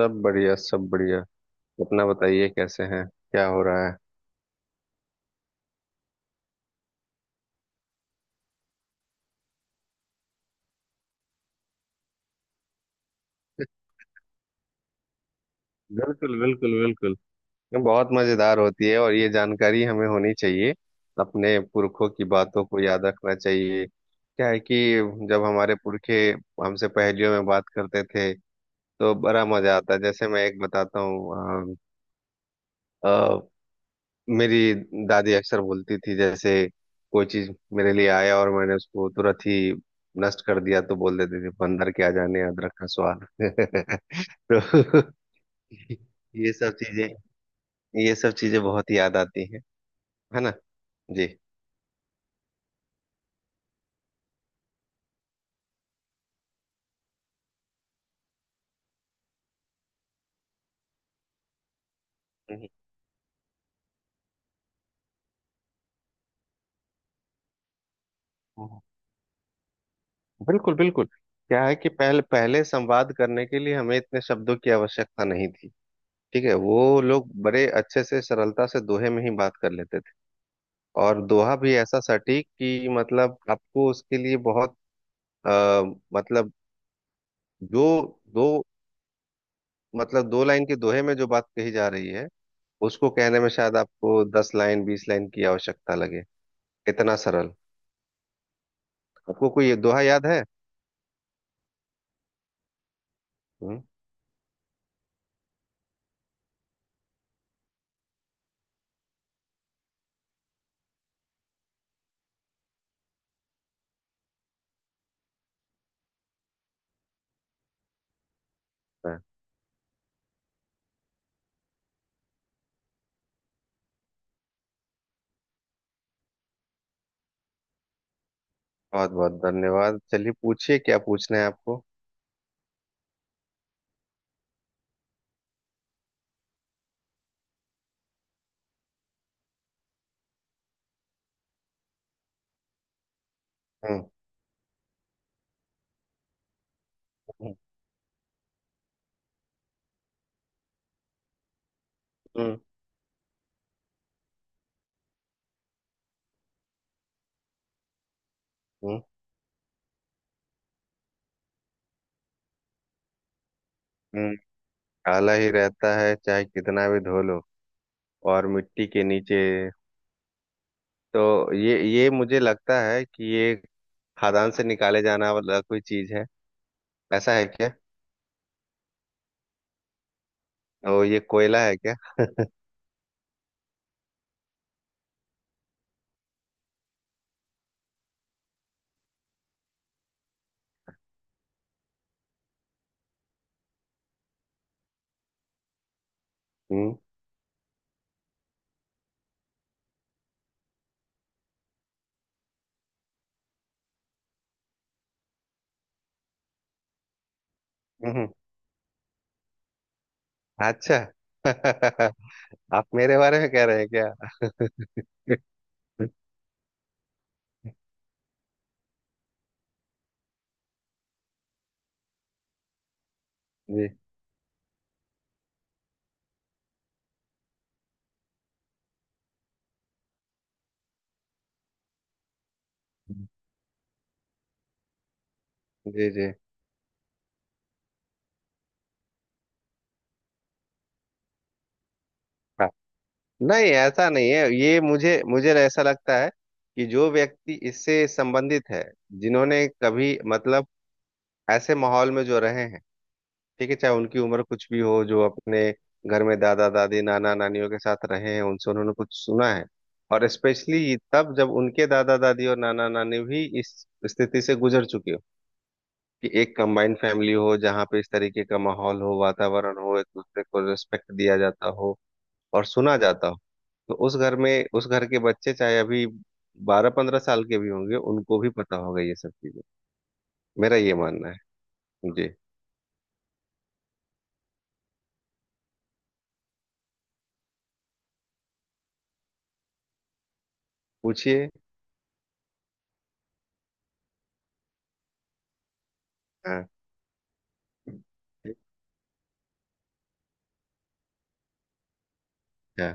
सब बढ़िया सब बढ़िया। अपना बताइए कैसे हैं, क्या हो रहा है? बिल्कुल बिल्कुल बिल्कुल। ये बहुत मजेदार होती है और ये जानकारी हमें होनी चाहिए। अपने पुरखों की बातों को याद रखना चाहिए। क्या है कि जब हमारे पुरखे हमसे पहेलियों में बात करते थे तो बड़ा मजा आता है। जैसे मैं एक बताता हूँ। मेरी दादी अक्सर बोलती थी, जैसे कोई चीज मेरे लिए आया और मैंने उसको तुरंत ही नष्ट कर दिया, तो बोल देती थी बंदर क्या जाने अदरक का स्वाद। तो ये सब चीजें, ये सब चीजें बहुत याद आती हैं। है ना। जी। हम्म। हम्म। बिल्कुल बिल्कुल। क्या है कि पहले पहले संवाद करने के लिए हमें इतने शब्दों की आवश्यकता नहीं थी। ठीक है, वो लोग बड़े अच्छे से सरलता से दोहे में ही बात कर लेते। और दोहा भी ऐसा सटीक कि मतलब आपको उसके लिए बहुत अ, मतलब जो दो मतलब दो लाइन के दोहे में जो बात कही जा रही है, उसको कहने में शायद आपको 10 लाइन 20 लाइन की आवश्यकता लगे। इतना सरल। आपको कोई ये दोहा याद है? हम्म। हाँ। बहुत बहुत धन्यवाद। चलिए पूछिए क्या पूछना है आपको। हम्म। हम्म। हम्म। हम्म, हम्म। काला ही रहता है चाहे कितना भी धो लो, और मिट्टी के नीचे। तो ये मुझे लगता है कि ये खदान से निकाले जाना वाला कोई चीज है। ऐसा है क्या? ओ ये कोयला है क्या? हम्म। हम्म, हम्म। अच्छा। आप मेरे बारे में कह रहे हैं क्या? जी जी जी। हाँ। नहीं, ऐसा नहीं है। ये मुझे मुझे ऐसा लगता है कि जो व्यक्ति इससे संबंधित है, जिन्होंने कभी मतलब ऐसे माहौल में जो रहे हैं। ठीक है, चाहे उनकी उम्र कुछ भी हो, जो अपने घर में दादा दादी नाना नानियों के साथ रहे हैं, उनसे उन्होंने कुछ सुना है। और स्पेशली तब जब उनके दादा दादी और नाना नानी भी इस स्थिति से गुजर चुके हो। कि एक कंबाइंड फैमिली हो जहाँ पे इस तरीके का माहौल हो, वातावरण हो, एक दूसरे को रिस्पेक्ट दिया जाता हो और सुना जाता हो। तो उस घर में उस घर के बच्चे चाहे अभी 12-15 साल के भी होंगे, उनको भी पता होगा ये सब चीजें। मेरा ये मानना है। जी, पूछिए। हाँ। अच्छा।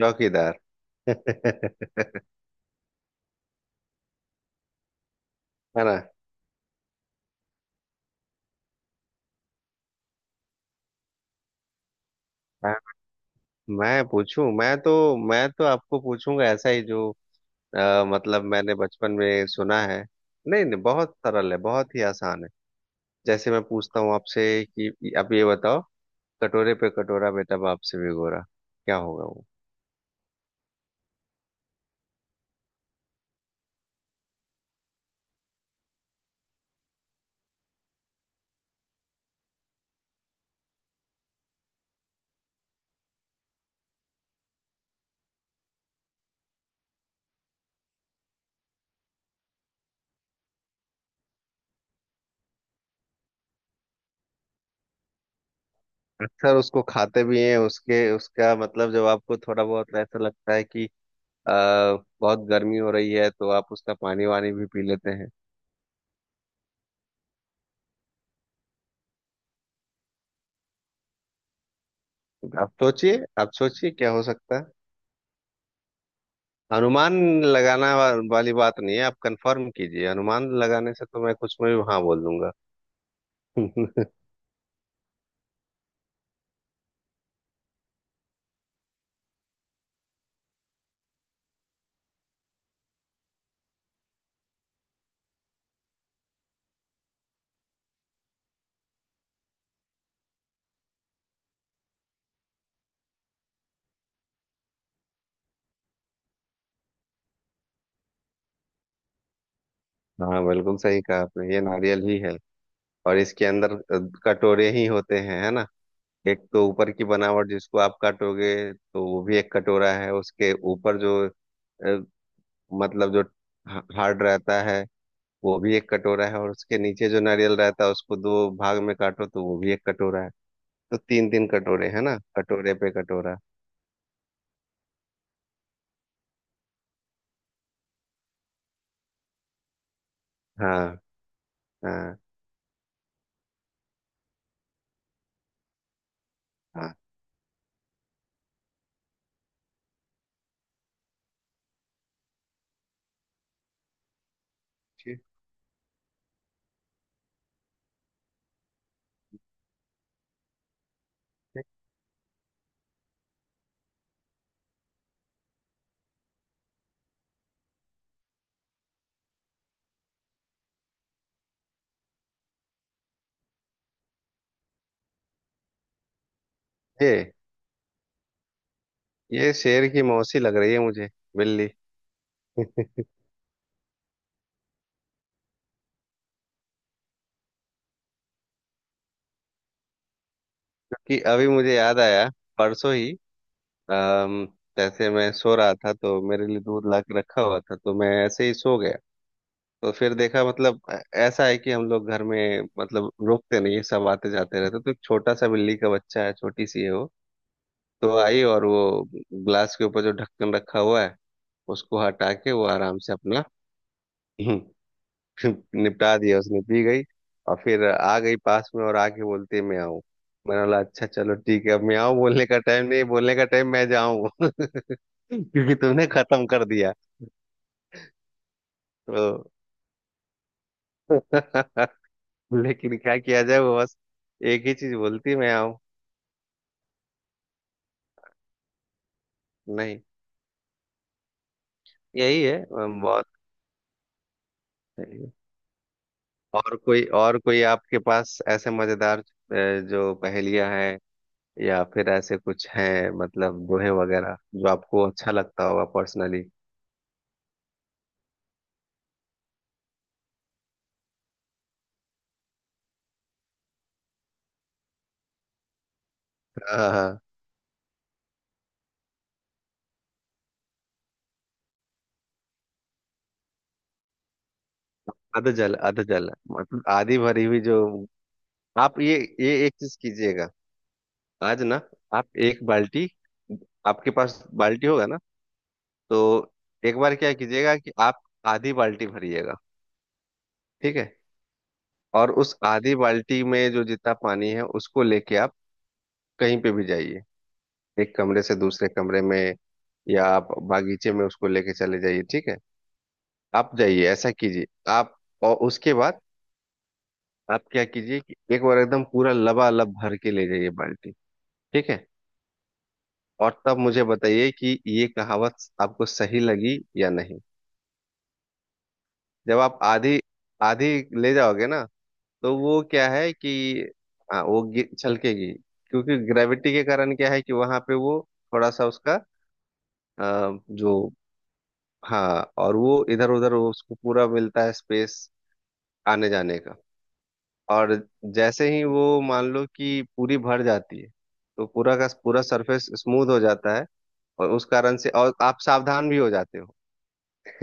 चौकीदार। है ना। मैं मैं पूछूं, मैं तो आपको पूछूंगा ऐसा ही जो मतलब मैंने बचपन में सुना है। नहीं नहीं, बहुत सरल है, बहुत ही आसान है। जैसे मैं पूछता हूँ आपसे कि आप ये बताओ, कटोरे पे कटोरा बेटा बाप से भी गोरा। क्या होगा वो? अक्सर उसको खाते भी हैं। उसके उसका मतलब जब आपको थोड़ा बहुत ऐसा लगता है कि आ, बहुत गर्मी हो रही है तो आप उसका पानी वानी भी पी लेते हैं। आप सोचिए, आप सोचिए, क्या हो सकता है? अनुमान लगाना वाली बात नहीं है, आप कंफर्म कीजिए। अनुमान लगाने से तो मैं कुछ में भी हाँ बोल दूंगा। हाँ, बिल्कुल सही कहा आपने, ये नारियल ही है। और इसके अंदर कटोरे ही होते हैं, है ना। एक तो ऊपर की बनावट जिसको आप काटोगे तो वो भी एक कटोरा है, उसके ऊपर जो अ, मतलब जो हार्ड रहता है, वो भी एक कटोरा है। और उसके नीचे जो नारियल रहता है, उसको दो भाग में काटो तो वो भी एक कटोरा है। तो तीन तीन कटोरे, है ना। कटोरे पे कटोरा। हाँ हाँ हाँ ठीक है। ये शेर की मौसी लग रही है मुझे। बिल्ली। क्योंकि अभी मुझे याद आया, परसों ही अम, जैसे मैं सो रहा था तो मेरे लिए दूध ला के रखा हुआ था तो मैं ऐसे ही सो गया। तो फिर देखा, मतलब ऐसा है कि हम लोग घर में मतलब रुकते नहीं है, सब आते जाते रहते। तो एक छोटा सा बिल्ली का बच्चा है, छोटी सी है वो। तो आई और वो ग्लास के ऊपर जो ढक्कन रखा हुआ है, उसको हटा के वो आराम से अपना निपटा दिया उसने, पी गई। और फिर आ गई पास में और आके बोलती है मैं आऊं। मैंने बोला अच्छा चलो ठीक है, अब मैं आऊं बोलने का टाइम नहीं, बोलने का टाइम मैं जाऊं। क्योंकि तुमने खत्म कर दिया। तो लेकिन क्या किया जाए, वो बस एक ही चीज बोलती है, मैं आऊं। नहीं। यही है। बहुत सही है। और कोई, और कोई आपके पास ऐसे मजेदार जो पहेलियां हैं या फिर ऐसे कुछ हैं, मतलब दोहे वगैरह जो आपको अच्छा लगता होगा पर्सनली? हाँ हाँ। आधा जल, आधा जल मतलब आधी भरी हुई जो। आप ये एक चीज कीजिएगा आज ना। आप एक बाल्टी, आपके पास बाल्टी होगा ना? तो एक बार क्या कीजिएगा कि आप आधी बाल्टी भरिएगा। ठीक है। और उस आधी बाल्टी में जो जितना पानी है उसको लेके आप कहीं पे भी जाइए, एक कमरे से दूसरे कमरे में, या आप बागीचे में उसको लेके चले जाइए ठीक है। आप जाइए, ऐसा कीजिए आप। और उसके बाद आप क्या कीजिए कि एक बार एकदम पूरा लबालब भर के ले जाइए बाल्टी, ठीक है। और तब मुझे बताइए कि ये कहावत आपको सही लगी या नहीं। जब आप आधी आधी ले जाओगे ना, तो वो क्या है कि, हाँ वो छलकेगी। क्योंकि ग्रेविटी के कारण क्या है कि वहां पे वो थोड़ा सा उसका जो, हाँ, और वो इधर उधर उसको पूरा मिलता है स्पेस आने जाने का। और जैसे ही वो मान लो कि पूरी भर जाती है, तो पूरा का पूरा सरफेस स्मूथ हो जाता है। और उस कारण से और आप सावधान भी हो जाते हो।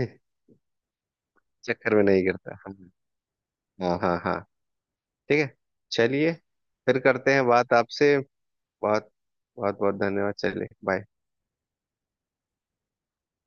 चक्कर में नहीं गिरता, हाँ। हाँ हाँ हाँ ठीक है। चलिए फिर करते हैं बात आपसे। बहुत बहुत, बहुत बहुत धन्यवाद। चलिए बाय।